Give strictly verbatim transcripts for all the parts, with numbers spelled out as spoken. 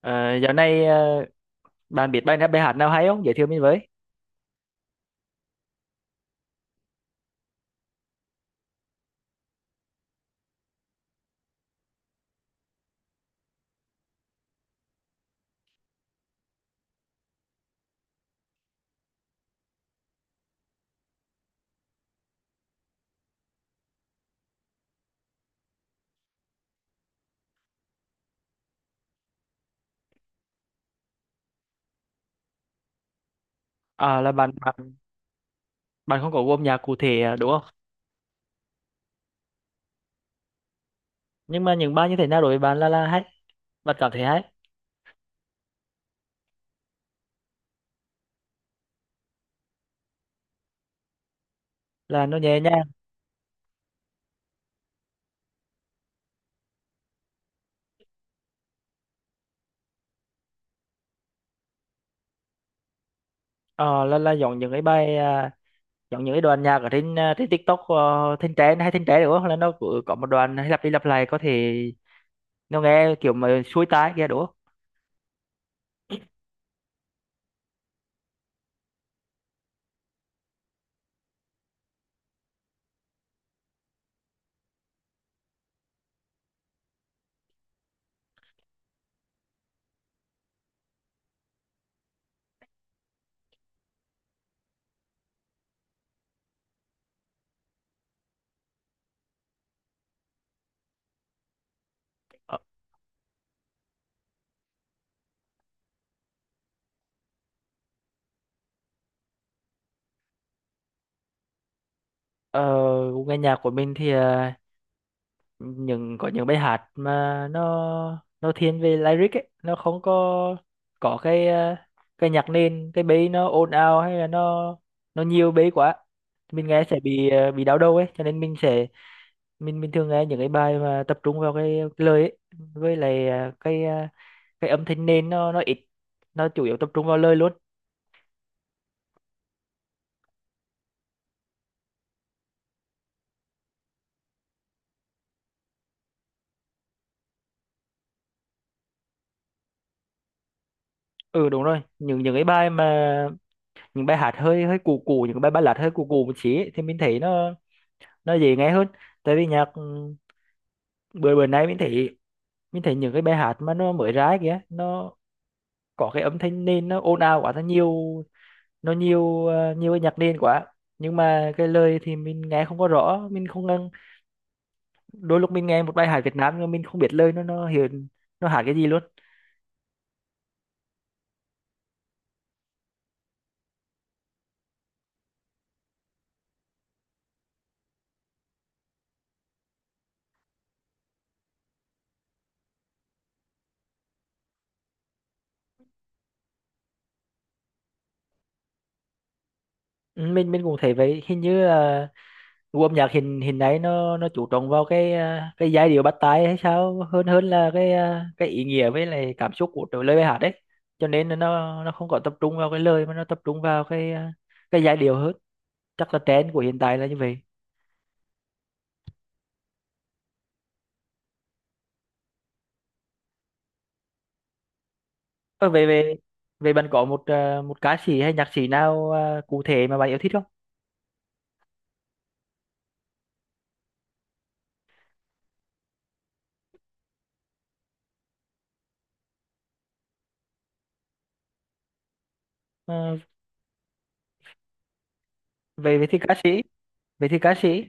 Ờ, dạo này ờ, bạn biết bài nào bài hát nào hay không? Giới thiệu mình với. À, là bạn bạn bạn không có gu âm nhạc cụ thể à, đúng không? Nhưng mà những bài như thế nào đối với bạn là là hay, bạn cảm thấy hay là nó nhẹ nhàng. Ờ, là là giống những cái bài à, giống những cái đoạn nhạc ở trên à, trên TikTok uh, thanh trend hay thanh trend đúng không? Là nó cứ có một đoạn hay lặp đi lặp lại, có thể nó nghe kiểu mà xuôi tai kia đúng không? Ờ, ờ, gu nghe nhạc của mình thì những có những bài hát mà nó nó thiên về lyric ấy, nó không có có cái ờ, cái nhạc nền, cái bass nó ồn ào hay là nó nó nhiều bass quá mình nghe sẽ bị ờ, bị đau đầu ấy, cho nên mình sẽ mình mình thường nghe những cái bài mà tập trung vào cái, cái lời ấy, với lại ờ, cái ờ, cái âm thanh nền nó nó ít, nó chủ yếu tập trung vào lời luôn. Ừ đúng rồi, những những cái bài mà những bài hát hơi hơi cũ cũ, những cái bài ballad hơi cũ cũ một xí ấy, thì mình thấy nó nó dễ nghe hơn. Tại vì nhạc ừ, bữa bữa nay mình thấy, mình thấy những cái bài hát mà nó mới ra kìa, nó có cái âm thanh nền nó ồn ào quá, nó nhiều, nó nhiều ờ, nhiều cái nhạc nền quá, nhưng mà cái lời thì mình nghe không có rõ, mình không ngân. Đôi lúc mình nghe một bài hát Việt Nam nhưng mà mình không biết lời, nó nó hiện nó hát cái gì luôn. Ừ, mình mình cũng thấy vậy, hình như gu âm nhạc hình hình ấy nó nó chú trọng vào cái à, cái giai điệu bắt tai hay sao, hơn hơn là cái à, cái ý nghĩa với lại cảm xúc của trời lời bài hát đấy, cho nên là nó nó không có tập trung vào cái lời mà nó tập trung vào cái à, cái giai điệu hơn. Chắc là trend của hiện tại là như vậy. Ờ, về về về bạn có một à, một ca sĩ hay nhạc sĩ nào à, cụ thể mà bạn yêu thích không? Ờ, về về thì ca sĩ, về thì ca sĩ,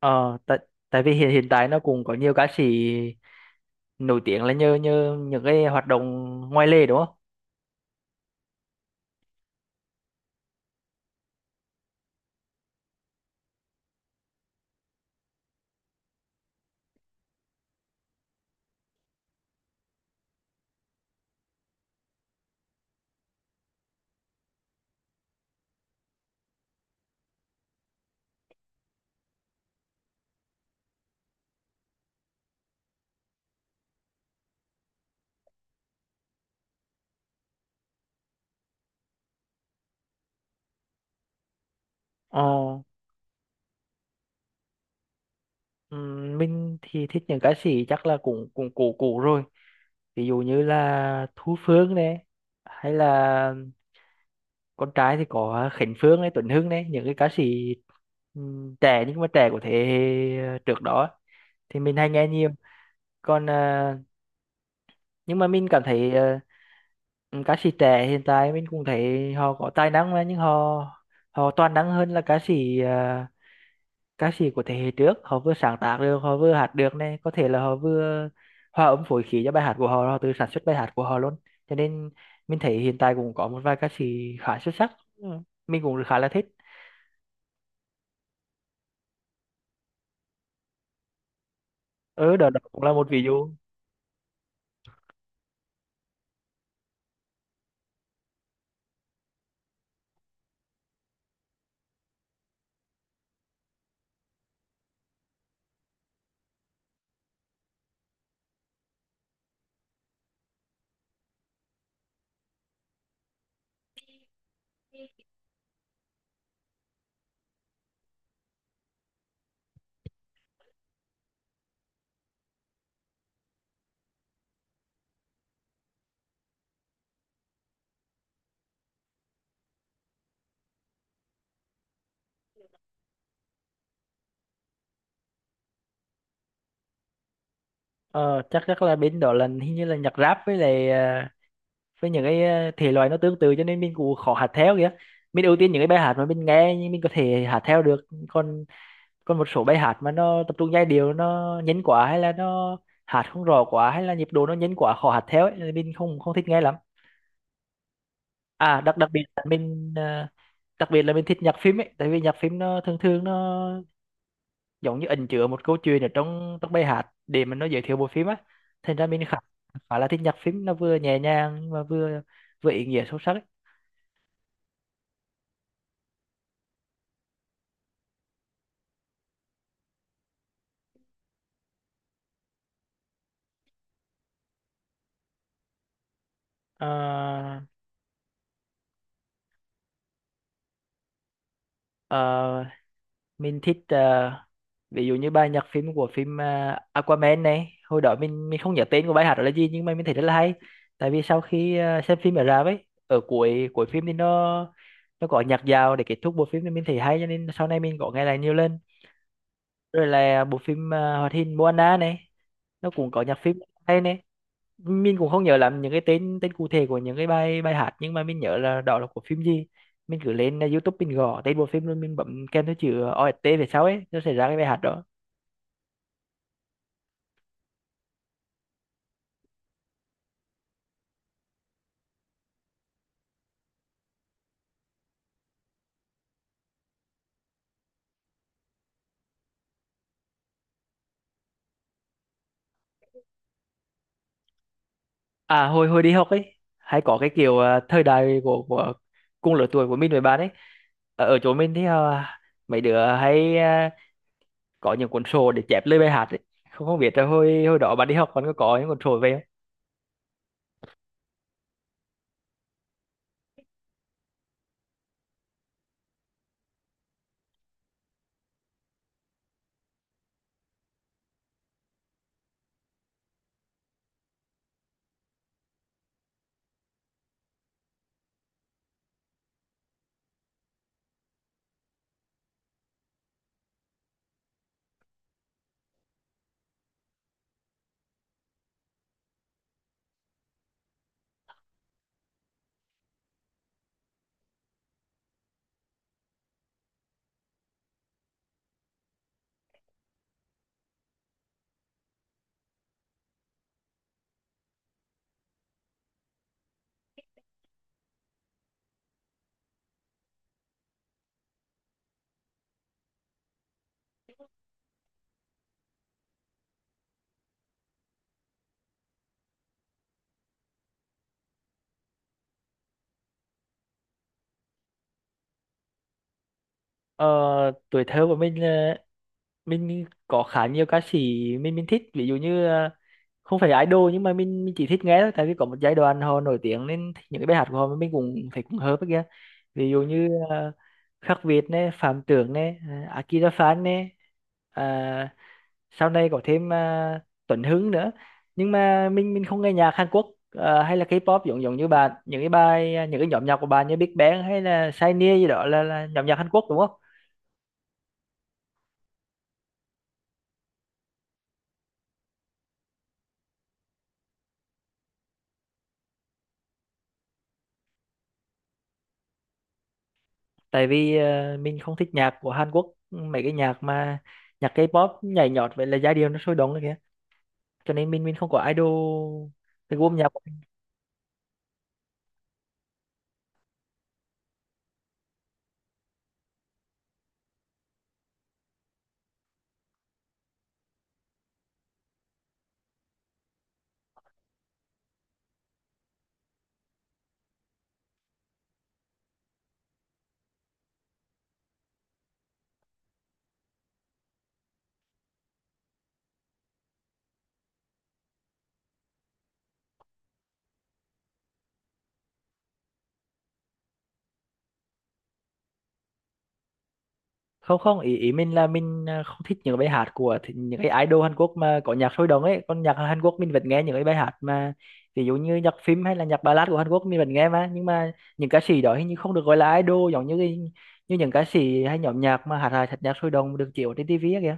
ờ tại, tại vì hiện, hiện tại nó cũng có nhiều ca sĩ nổi tiếng là nhờ, nhờ những cái hoạt động ngoài lề đúng không? Ờ. Ừm, mình thì thích những ca sĩ chắc là cũng cũng cũ cũ rồi, ví dụ như là Thu Phương này, hay là con trai thì có Khánh Phương này, Tuấn Hưng này, những cái ca sĩ ừm, trẻ nhưng mà trẻ của thế hệ ờ, trước đó thì mình hay nghe nhiều. Còn à, nhưng mà mình cảm thấy à, ca sĩ trẻ hiện tại mình cũng thấy họ có tài năng mà, nhưng họ, họ toàn năng hơn là ca sĩ ờ, ca sĩ của thế hệ trước. Họ vừa sáng tác được, họ vừa hát được này, có thể là họ vừa hòa âm phối khí cho bài hát của họ, họ tự sản xuất bài hát của họ luôn. Cho nên mình thấy hiện tại cũng có một vài ca sĩ khá xuất sắc. Ừ, mình cũng khá là thích. Ừ đó, đó cũng là một ví dụ. ờ, chắc, chắc là bên đó là hình như là nhạc rap với lại ờ, với những cái ờ, thể loại nó tương tự, cho nên mình cũng khó hát theo kìa. Mình ưu tiên những cái bài hát mà mình nghe nhưng mình có thể hát theo được. Còn còn một số bài hát mà nó tập trung giai điệu, nó nhấn quá hay là nó hát không rõ quá hay là nhịp độ nó nhấn quá khó hát theo ấy là mình không không thích nghe lắm. À đặc, đặc biệt là mình à, đặc biệt là mình thích nhạc phim ấy, tại vì nhạc phim nó thường thường nó giống như ẩn chứa một câu chuyện ở trong trong bài hát để mà nó giới thiệu bộ phim á, thành ra mình khá, khá là thích nhạc phim, nó vừa nhẹ nhàng nhưng mà vừa, vừa ý nghĩa sâu sắc ấy. À, à, mình thích ờ, ví dụ như bài nhạc phim của phim ờ, Aquaman này, hồi đó mình mình không nhớ tên của bài hát đó là gì nhưng mà mình thấy rất là hay. Tại vì sau khi ờ, xem phim ở rạp ấy, ở cuối cuối phim thì nó nó có nhạc dạo để kết thúc bộ phim, thì mình thấy hay cho nên sau này mình có nghe lại nhiều lần. Rồi là bộ phim ờ, hoạt hình Moana này, nó cũng có nhạc phim hay này. Mình cũng không nhớ lắm những cái tên tên cụ thể của những cái bài bài hát, nhưng mà mình nhớ là đó là của phim gì. Mình cứ lên uh, YouTube, mình gõ tên bộ phim rồi mình bấm kèm theo chữ o ét tê về sau ấy, nó sẽ ra cái bài hát đó. À hồi hồi đi học ấy hay có cái kiểu uh, thời đại của, của cùng lứa tuổi của mình với bạn ấy, ở, ở chỗ mình thì uh, mấy đứa hay uh, có những cuốn sổ để chép lời bài hát ấy, không, không biết là hồi hồi đó bạn đi học còn có có những cuốn sổ về không. Ờ, tuổi thơ của mình uh, mình có khá nhiều ca sĩ, mình mình thích, ví dụ như à, không phải idol nhưng mà mình mình chỉ thích nghe thôi, tại vì có một giai đoạn họ nổi tiếng nên thích những cái bài hát của họ mà mình cũng thấy cũng hợp với kia. Ví dụ như uh, Khắc Việt này, Phạm Tưởng này, uh, Akira Phan này, à, sau này có thêm uh, Tuấn Hưng nữa. Nhưng mà mình mình không nghe nhạc Hàn Quốc, à, hay là K-pop giống giống như bạn, những cái bài ờ, những cái nhóm nhạc của bạn như Big Bang hay là Shiny gì đó là, là nhóm nhạc Hàn Quốc đúng không? Tại vì à, mình không thích nhạc của Hàn Quốc, mấy cái nhạc mà nhạc K-pop nhảy nhót vậy, là giai điệu nó sôi động kìa, cho nên mình mình không có idol cái gu âm nhạc của mình. Không, không, ý ý mình là mình à, không thích những bài hát của thì- những cái idol Hàn Quốc mà có nhạc sôi động ấy, còn nhạc Hàn Quốc mình vẫn nghe những cái bài hát mà ví dụ như nhạc phim hay là nhạc ballad của Hàn Quốc mình vẫn nghe mà. Nhưng mà những ca sĩ đó hình như không được gọi là idol giống như cái- như những ca sĩ hay nhóm nhạc mà hát hài thật nhạc sôi động được chiếu trên ti vi ấy kìa.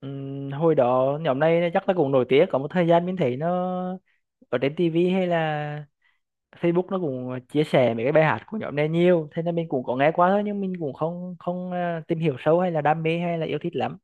Ừm, hồi đó nhóm này chắc là cũng nổi tiếng có một thời gian, mình thấy nó ở trên ti vi hay là Facebook nó cũng ờ, chia sẻ mấy cái bài hát của nhóm này nhiều, thế nên mình cũng có nghe qua thôi nhưng mình cũng không không ờ, tìm hiểu sâu hay là đam mê hay là yêu thích lắm.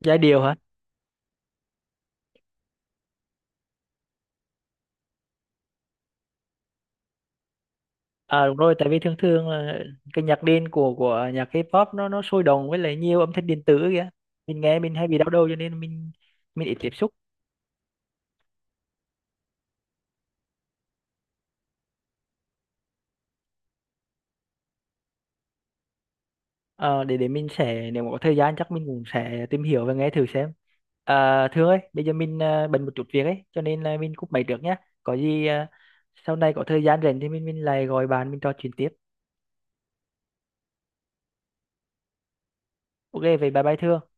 Giai điệu hả? À đúng rồi, tại vì thường thường là cái nhạc nền của của nhạc K-pop nó nó sôi động với lại nhiều âm thanh điện tử kìa, mình nghe mình hay bị đau đầu cho nên mình mình ít tiếp xúc. Ờ, để để mình sẽ, nếu mà có thời gian chắc mình cũng sẽ tìm hiểu và nghe thử xem. À, Thương ơi, bây giờ mình ờ, bận một chút việc ấy cho nên là mình cúp máy trước nhé. Có gì ờ, sau này có thời gian rảnh thì mình mình lại gọi bạn mình trò chuyện tiếp. Ok về bài bài thưa